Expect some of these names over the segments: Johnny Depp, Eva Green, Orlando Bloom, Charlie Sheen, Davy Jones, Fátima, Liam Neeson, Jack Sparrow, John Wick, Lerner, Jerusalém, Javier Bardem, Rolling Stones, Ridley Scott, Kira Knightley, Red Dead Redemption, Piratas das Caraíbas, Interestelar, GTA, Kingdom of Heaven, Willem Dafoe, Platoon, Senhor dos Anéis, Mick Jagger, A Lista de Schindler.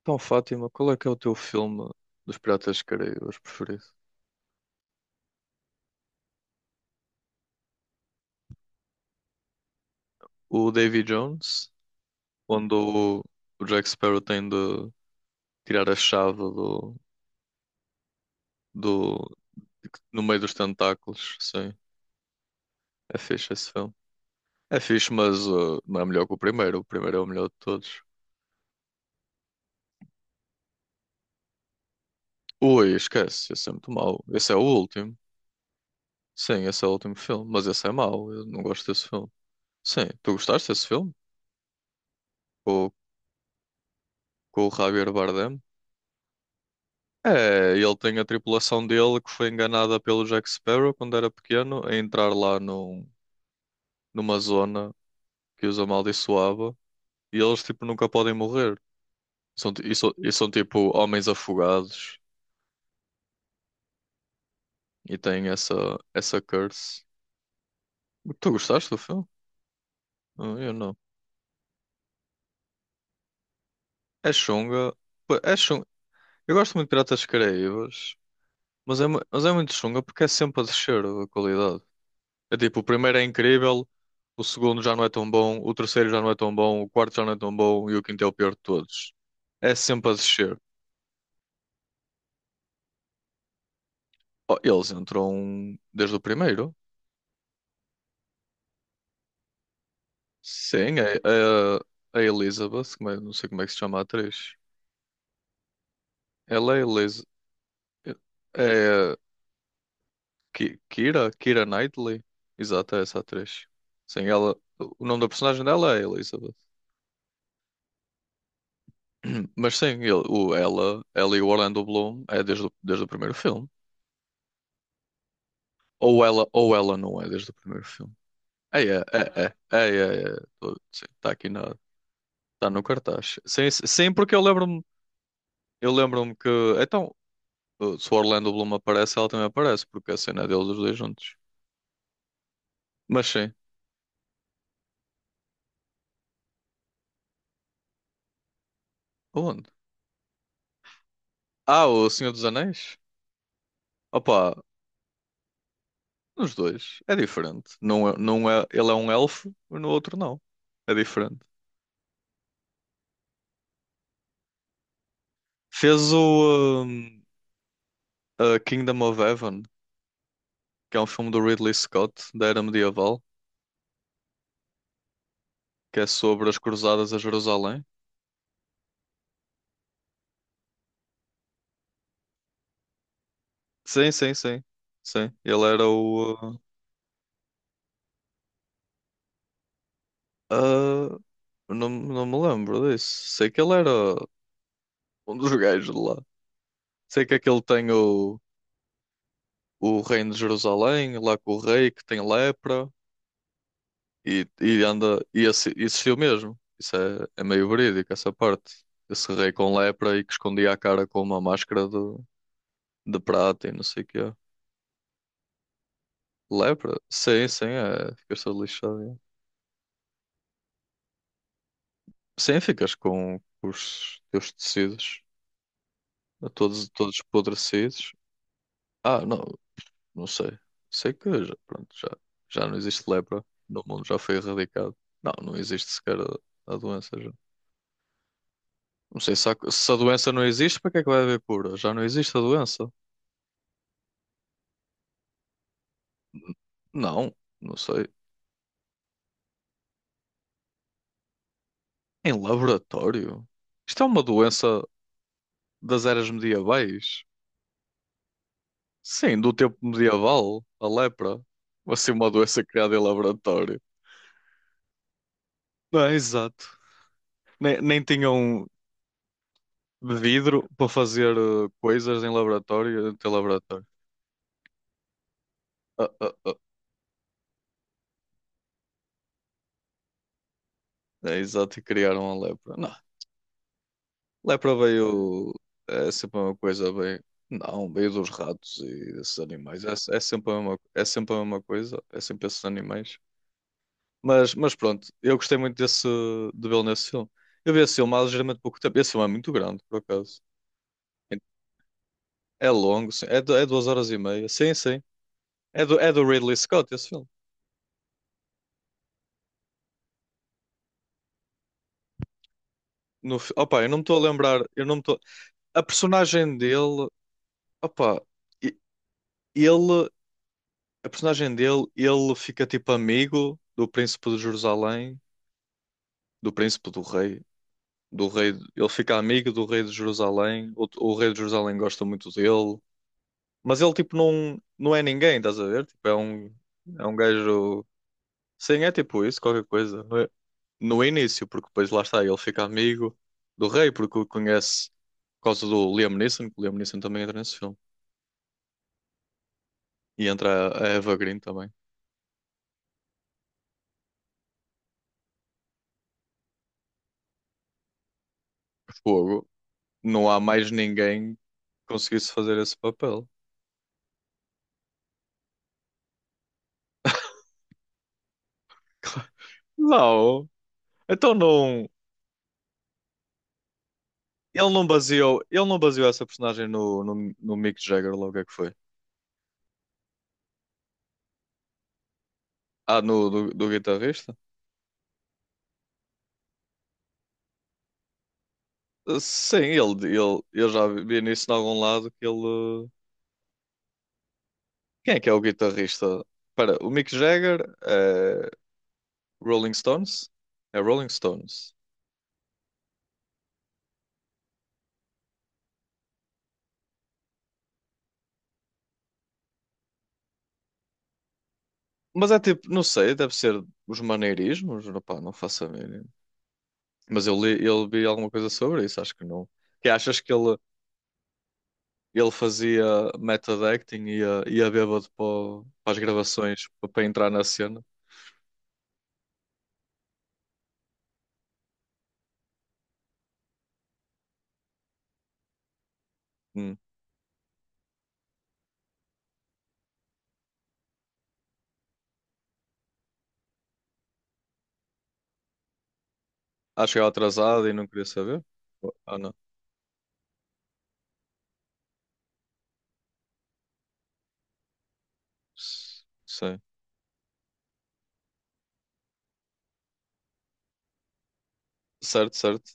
Então, Fátima, qual é que é o teu filme dos Piratas das Caraíbas preferido? O Davy Jones, onde o Jack Sparrow tem de tirar a chave do, no meio dos tentáculos. Sim, é fixe esse filme. É fixe, mas não é melhor que o primeiro. O primeiro é o melhor de todos. Ui, esquece, esse é muito mau. Esse é o último. Sim, esse é o último filme, mas esse é mau. Eu não gosto desse filme. Sim, tu gostaste desse filme? Com, com o Javier Bardem? É, ele tem a tripulação dele que foi enganada pelo Jack Sparrow quando era pequeno a entrar lá numa zona que os amaldiçoava e eles tipo nunca podem morrer. São, ti- e são tipo homens afogados e têm essa curse. Tu gostaste do filme? Ah, eu não. É chunga. Pô, é chunga. Eu gosto muito de Piratas Caraíbas, mas mas é muito chunga porque é sempre a descer a qualidade. É tipo, o primeiro é incrível, o segundo já não é tão bom, o terceiro já não é tão bom, o quarto já não é tão bom e o quinto é o pior de todos. É sempre a descer. Oh, eles entram desde o primeiro. Sim, é a Elizabeth, não sei como é que se chama a atriz. Ela é Eliz... É Kira Knightley. Exato, é essa atriz. Sim, ela. O nome da personagem dela é Elizabeth. Mas sim, ela e o Orlando Bloom é desde o primeiro filme. Ou ela não é desde o primeiro filme. É, é, é, é, é, sim, tá aqui na, tá no cartaz. Sim, porque eu lembro-me que então se o Orlando Bloom aparece, ela também aparece, porque a cena é deles os dois juntos. Mas sim, onde? Ah, o Senhor dos Anéis? Opa, nos dois é diferente. Não é, ele é um elfo, mas no outro não. É diferente. Fez o um, a Kingdom of Heaven, que é um filme do Ridley Scott da era medieval, que é sobre as cruzadas a Jerusalém. Sim, sim, sim. Sim, ele era o. ah, ah, não, não me lembro disso. Sei que ele era um dos gajos de lá. Sei que aquele tem o reino de Jerusalém, lá com o rei que tem lepra e anda. E esse, existiu mesmo. É meio verídico, essa parte. Esse rei com lepra e que escondia a cara com uma máscara de prata e não sei o que é. Lepra? Sim, sim, é. Fica-se lixado, é. Sim, ficas com os teus tecidos todos apodrecidos. Ah, não, não sei. Sei que já não existe lepra no mundo, já foi erradicado. Não, não existe sequer a doença já. Não sei se, há- se a doença não existe, para que é que vai haver cura? Já não existe a doença? Não, não sei. Em laboratório? Isto é uma doença das eras medievais? Sim, do tempo medieval, a lepra. Vai ser uma doença criada em laboratório. Não, exato. Nem tinham vidro para fazer coisas em laboratório, em teu laboratório. Ah, ah, ah. É, exato, e criaram a lepra. Não, lepra veio. É sempre a mesma coisa, veio. Não, veio dos ratos e desses animais. É sempre a mesma coisa, é sempre esses animais. Mas pronto, eu gostei muito desse, de vê-lo nesse filme. Eu vi esse filme há ligeiramente pouco tempo. Esse filme é muito grande, por acaso. É longo, sim. É duas horas e meia. Sim, sim. É do Ridley Scott, esse filme. Opa, eu não me estou a lembrar. Eu não me estou. A personagem dele. Opa, e- ele. A personagem dele, ele fica tipo amigo do príncipe de Jerusalém, do príncipe do rei. Do rei, ele fica amigo do rei de Jerusalém. O rei de Jerusalém gosta muito dele. Mas ele tipo não, não é ninguém, estás a ver? Tipo, é um gajo. Sim, é tipo isso, qualquer coisa, não é? No início, porque depois lá está, ele fica amigo do rei, porque o conhece por causa do Liam Neeson, que o Liam Neeson também entra nesse filme. E entra a Eva Green também. Fogo. Não há mais ninguém que conseguisse fazer esse papel. Não. Então não. Ele não baseou essa personagem no Mick Jagger, logo é que foi. Ah, no do guitarrista? Sim, eu já vi nisso em algum lado que ele. Uh, quem é que é o guitarrista? Espera, o Mick Jagger é Rolling Stones? É Rolling Stones. Mas é tipo, não sei, deve ser os maneirismos, rapá, não faço a mínima. Mas eu li, eu vi alguma coisa sobre isso, acho que não. Que achas que ele fazia method acting e ia bêbado para as gravações para entrar na cena? Hum. Acho que era atrasado e não queria saber? Ah, não. S- sim. Certo, certo.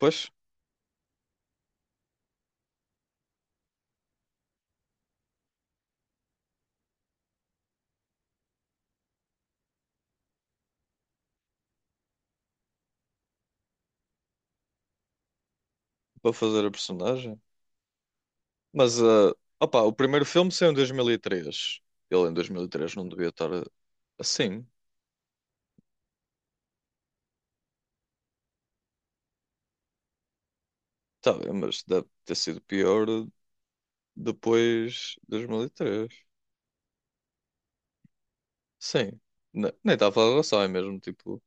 Pois, para fazer a personagem. Mas, ah, opá, o primeiro filme saiu em 2003. Ele em 2003 não devia estar eh, assim. Tá bem, mas deve ter sido pior depois de 2003. Sim. Ne- nem estava a falar da relação, é mesmo tipo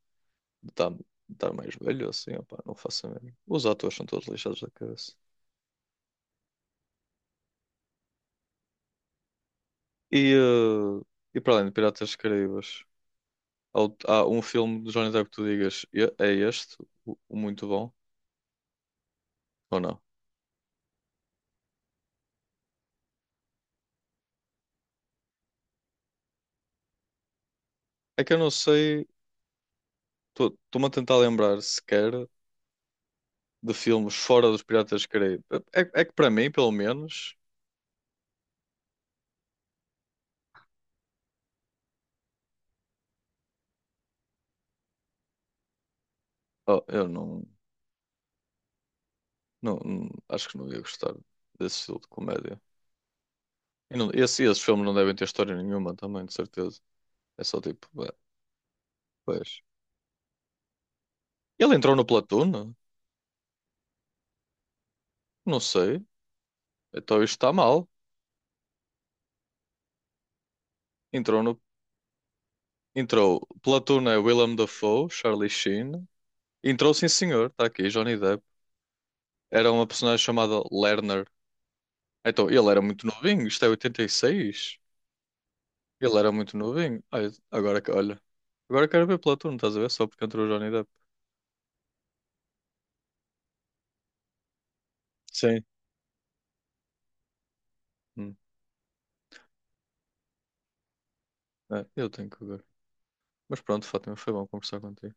de estar estar mais velho assim, opá, não faço a mesmo. Os atores são todos lixados da cabeça. E, eh, e para além de Piratas dos Caraíbas, há, o- há um filme de Johnny Depp que tu digas, "E- é este, o muito bom", ou não? É que eu não sei, estou-me a tentar lembrar sequer de filmes fora dos Piratas dos Caraíbas. É, é que para mim, pelo menos, oh, eu não. Acho que não ia gostar desse estilo de comédia. E não, esse- esses filmes não devem ter história nenhuma também, de certeza. É só tipo, ué, pois. Ele entrou no Platoon? Não sei. Então isto está mal. Entrou no. Entrou. Platoon é Willem Dafoe, Charlie Sheen. Entrou, sim senhor, está aqui, Johnny Depp. Era uma personagem chamada Lerner. Então ele era muito novinho, isto é 86. Ele era muito novinho. Ai, agora que, olha. Agora quero ver Platoon, estás a ver? Só porque entrou o Johnny Depp. Sim. Hum, é, eu tenho que ver. Mas pronto, Fátima, foi bom conversar contigo.